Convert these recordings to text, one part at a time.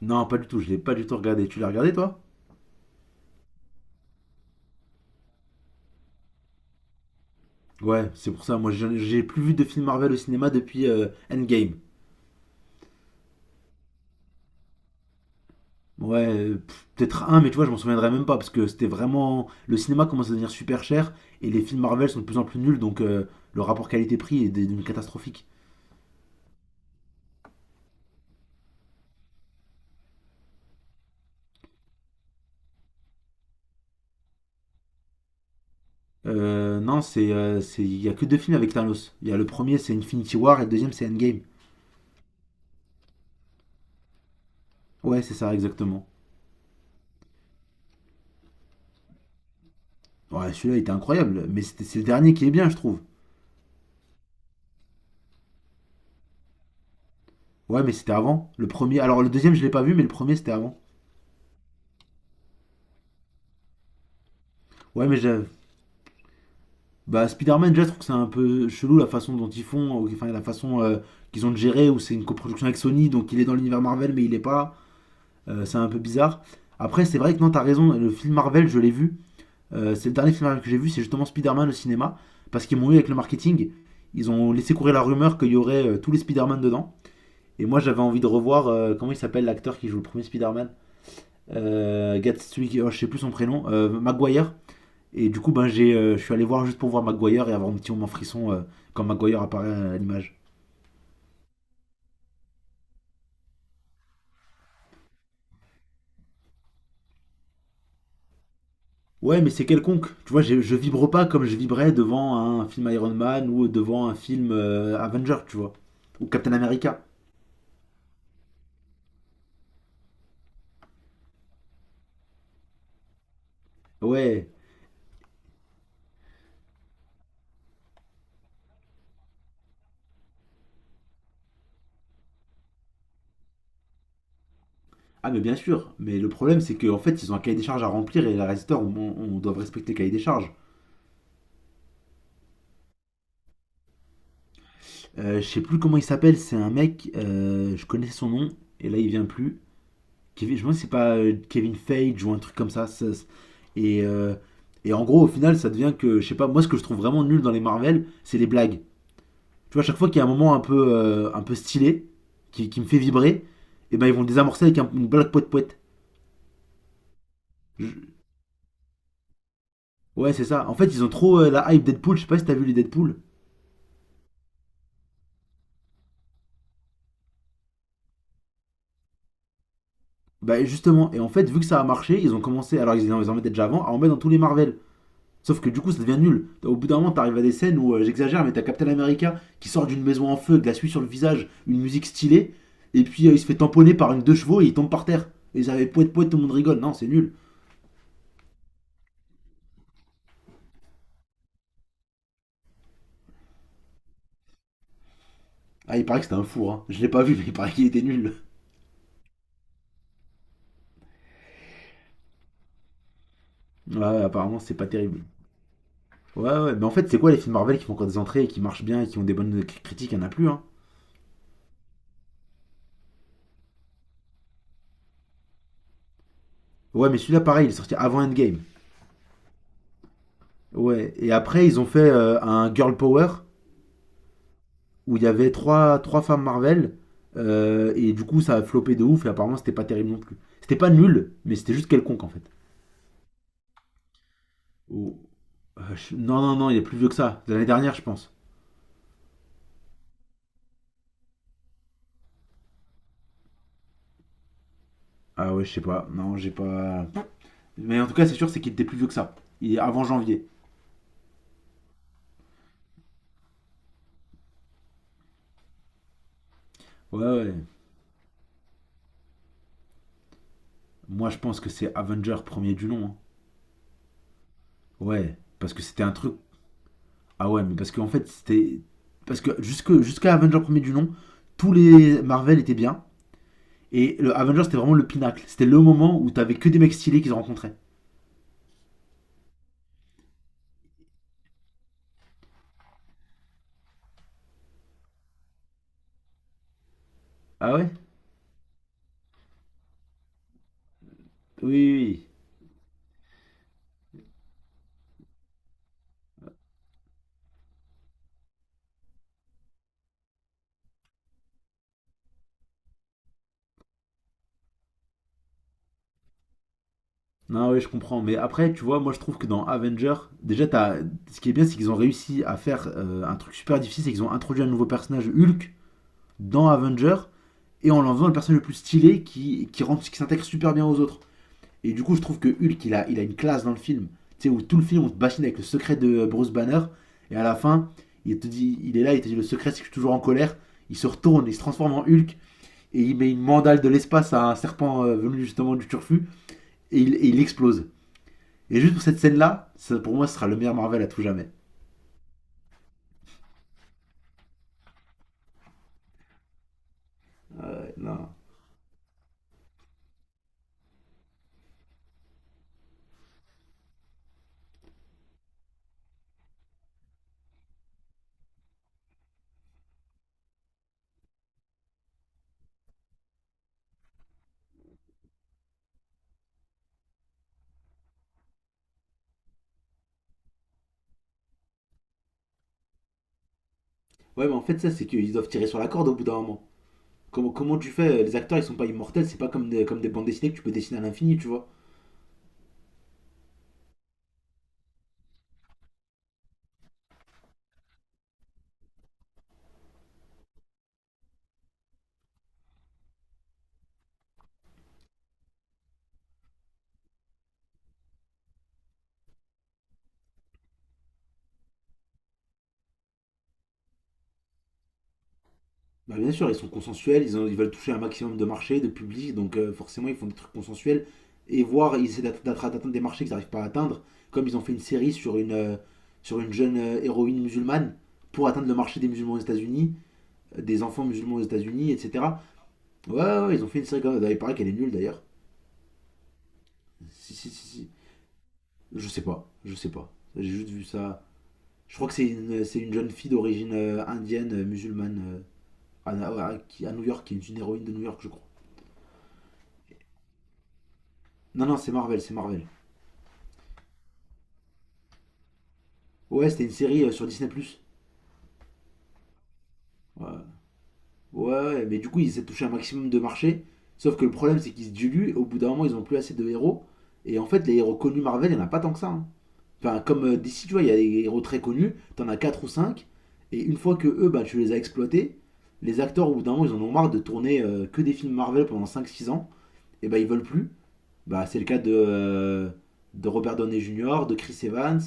Non, pas du tout, je l'ai pas du tout regardé. Tu l'as regardé toi? Ouais, c'est pour ça, moi j'ai plus vu de films Marvel au cinéma depuis Endgame. Ouais, peut-être un, mais tu vois, je m'en souviendrai même pas parce que c'était vraiment. Le cinéma commence à devenir super cher et les films Marvel sont de plus en plus nuls, donc le rapport qualité-prix est devenu catastrophique. Non, il y a que deux films avec Thanos. Il y a le premier, c'est Infinity War, et le deuxième, c'est Endgame. Ouais, c'est ça, exactement. Ouais, celui-là était incroyable, mais c'est le dernier qui est bien, je trouve. Ouais, mais c'était avant. Le premier, alors le deuxième, je l'ai pas vu, mais le premier, c'était avant. Ouais, mais bah, Spider-Man, déjà, je trouve que c'est un peu chelou la façon dont ils font, enfin la façon qu'ils ont de gérer, où c'est une coproduction avec Sony, donc il est dans l'univers Marvel, mais il est pas. C'est un peu bizarre. Après, c'est vrai que non, t'as raison, le film Marvel, je l'ai vu. C'est le dernier film Marvel que j'ai vu, c'est justement Spider-Man au cinéma, parce qu'ils m'ont eu avec le marketing. Ils ont laissé courir la rumeur qu'il y aurait tous les Spider-Man dedans. Et moi, j'avais envie de revoir, comment il s'appelle l'acteur qui joue le premier Spider-Man. Gatwick, oh, je sais plus son prénom, Maguire. Et du coup, ben, je suis allé voir juste pour voir Maguire et avoir un petit moment frisson quand Maguire apparaît à l'image. Ouais, mais c'est quelconque. Tu vois, je vibre pas comme je vibrais devant un film Iron Man ou devant un film Avenger, tu vois. Ou Captain America. Ouais. Ah, mais bien sûr. Mais le problème, c'est qu'en fait, ils ont un cahier des charges à remplir, et les réalisateurs, on doit respecter le cahier des charges. Je sais plus comment il s'appelle, c'est un mec, je connaissais son nom, et là, il vient plus. Kevin, je pense que c'est pas Kevin Feige ou un truc comme ça. Et, euh, En gros, au final, ça devient que, je sais pas, moi ce que je trouve vraiment nul dans les Marvel, c'est les blagues. Tu vois, à chaque fois qu'il y a un moment un peu stylé, qui me fait vibrer, et ben ils vont le désamorcer avec une blague poète-poète. Ouais, c'est ça. En fait, ils ont trop la hype Deadpool. Je sais pas si t'as vu les Deadpool. Bah, justement. Et en fait, vu que ça a marché, ils ont commencé, alors ils en mettaient déjà avant, à en mettre dans tous les Marvel. Sauf que du coup, ça devient nul. Au bout d'un moment, t'arrives à des scènes où, j'exagère, mais t'as Captain America qui sort d'une maison en feu, de la suie sur le visage, une musique stylée, et puis il se fait tamponner par une deux chevaux et il tombe par terre. Et ils avaient poète poète, tout le monde rigole. Non, c'est nul. Ah, il paraît que c'était un four, hein. Je l'ai pas vu, mais il paraît qu'il était nul. Ouais, ouais, apparemment, c'est pas terrible. Ouais, ouais, mais en fait, c'est quoi les films Marvel qui font encore des entrées et qui marchent bien et qui ont des bonnes critiques? Il y en a plus, hein. Ouais, mais celui-là, pareil, il est sorti avant Endgame. Ouais, et après, ils ont fait un Girl Power où il y avait trois femmes Marvel. Et du coup, ça a flopé de ouf. Et apparemment, c'était pas terrible non plus. C'était pas nul, mais c'était juste quelconque en fait. Ou- Non, non, non, il est plus vieux que ça. De l'année dernière, je pense. Ah ouais, je sais pas. Non, j'ai pas. Mais en tout cas, c'est sûr, c'est qu'il était plus vieux que ça. Il est avant janvier. Ouais, ouais. Moi, je pense que c'est Avenger premier du nom, hein. Ouais, parce que c'était un truc. Ah ouais, mais parce qu'en fait, c'était. Parce que jusqu'à Avenger premier du nom, tous les Marvel étaient bien. Et le Avengers, c'était vraiment le pinacle. C'était le moment où t'avais que des mecs stylés qu'ils rencontraient. Ah ouais? Oui, oui, oui. Non, oui, je comprends. Mais après, tu vois, moi, je trouve que dans Avenger, déjà, ce qui est bien, c'est qu'ils ont réussi à faire un truc super difficile, c'est qu'ils ont introduit un nouveau personnage, Hulk, dans Avenger, et en l'en faisant le personnage le plus stylé qui s'intègre super bien aux autres. Et du coup, je trouve que Hulk, il a une classe dans le film. Tu sais, où tout le film, on te bassine avec le secret de Bruce Banner, et à la fin, il te dit, il est là, il te dit, le secret, c'est que je suis toujours en colère. Il se retourne, il se transforme en Hulk, et il met une mandale de l'espace à un serpent venu justement du turfu, et il explose. Et juste pour cette scène-là, ça, pour moi, ce sera le meilleur Marvel à tout jamais. Ouais, non. Ouais, mais en fait, ça, c'est qu'ils doivent tirer sur la corde au bout d'un moment. Comment tu fais? Les acteurs, ils sont pas immortels, c'est pas comme des bandes dessinées que tu peux dessiner à l'infini, tu vois. Bah, bien sûr, ils sont consensuels, ils veulent toucher un maximum de marchés, de public, donc forcément, ils font des trucs consensuels. Et voir, ils essaient d'atteindre des marchés qu'ils n'arrivent pas à atteindre, comme ils ont fait une série sur une jeune héroïne musulmane pour atteindre le marché des musulmans aux États-Unis, des enfants musulmans aux États-Unis, etc. Ouais, ouais, ouais, ils ont fait une série comme ça. Il paraît qu'elle est nulle d'ailleurs. Si, si, si, si. Je sais pas, je sais pas. J'ai juste vu ça. Je crois que c'est une jeune fille d'origine indienne, musulmane, euh, à, à- à New York, qui est une héroïne de New York, je crois. Non, non, c'est Marvel, c'est Marvel. Ouais, c'était une série sur Disney plus. Ouais, ouais, mais du coup, ils essaient de toucher un maximum de marché. Sauf que le problème, c'est qu'ils se diluent. Au bout d'un moment, ils ont plus assez de héros. Et en fait, les héros connus Marvel, il n'y en a pas tant que ça, hein. Enfin, comme d'ici, tu vois, il y a des héros très connus, t'en as 4 ou 5, et une fois que eux, bah, tu les as exploités, les acteurs, au bout d'un moment, ils en ont marre de tourner que des films Marvel pendant 5, 6 ans, et bah, ils veulent plus. Bah, c'est le cas de Robert Downey Jr., de Chris Evans,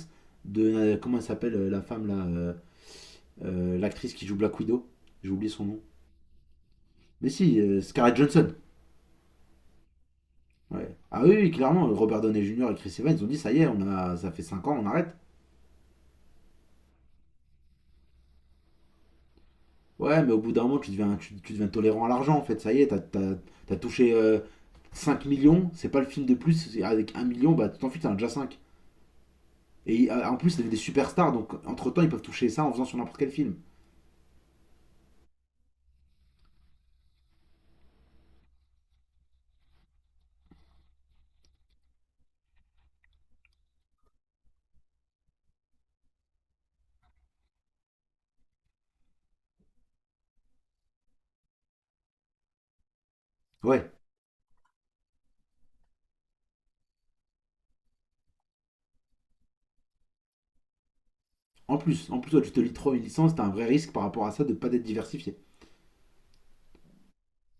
de. Comment elle s'appelle, la femme, là, l'actrice qui joue Black Widow. J'ai oublié son nom. Mais si, Scarlett Johansson. Ouais. Ah oui, oui, clairement, Robert Downey Jr. et Chris Evans, ils ont dit ça y est, ça fait 5 ans, on arrête. Ouais, mais au bout d'un moment, tu deviens tolérant à l'argent, en fait. Ça y est, t'as touché 5 millions, c'est pas le film de plus. Avec 1 million, bah, tu t'en fiches, t'en as déjà 5. Et en plus, c'est des superstars, donc entre-temps, ils peuvent toucher ça en faisant sur n'importe quel film. Ouais, en plus, toi, tu te lis trop une licence, t'as un vrai risque par rapport à ça de pas d'être diversifié.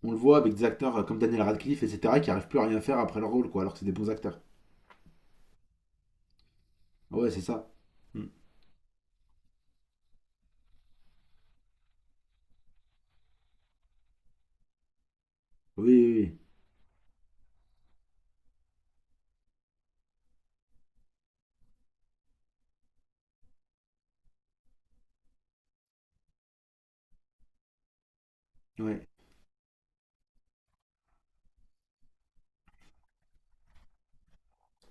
On le voit avec des acteurs comme Daniel Radcliffe, etc., qui arrivent plus à rien faire après leur rôle, quoi, alors que c'est des bons acteurs. Ouais, c'est ça. Mm. Oui, oui, oui. Ouais.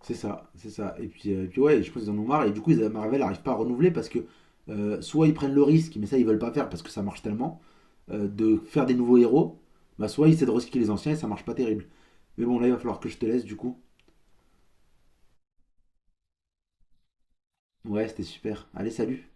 C'est ça, c'est ça. Et puis ouais, je pense qu'ils en ont marre. Et du coup, Marvel n'arrive pas à renouveler parce que soit ils prennent le risque, mais ça ils veulent pas faire parce que ça marche tellement, de faire des nouveaux héros, bah soit ils essaient de recycler les anciens et ça marche pas terrible. Mais bon, là il va falloir que je te laisse du coup. Ouais, c'était super. Allez, salut!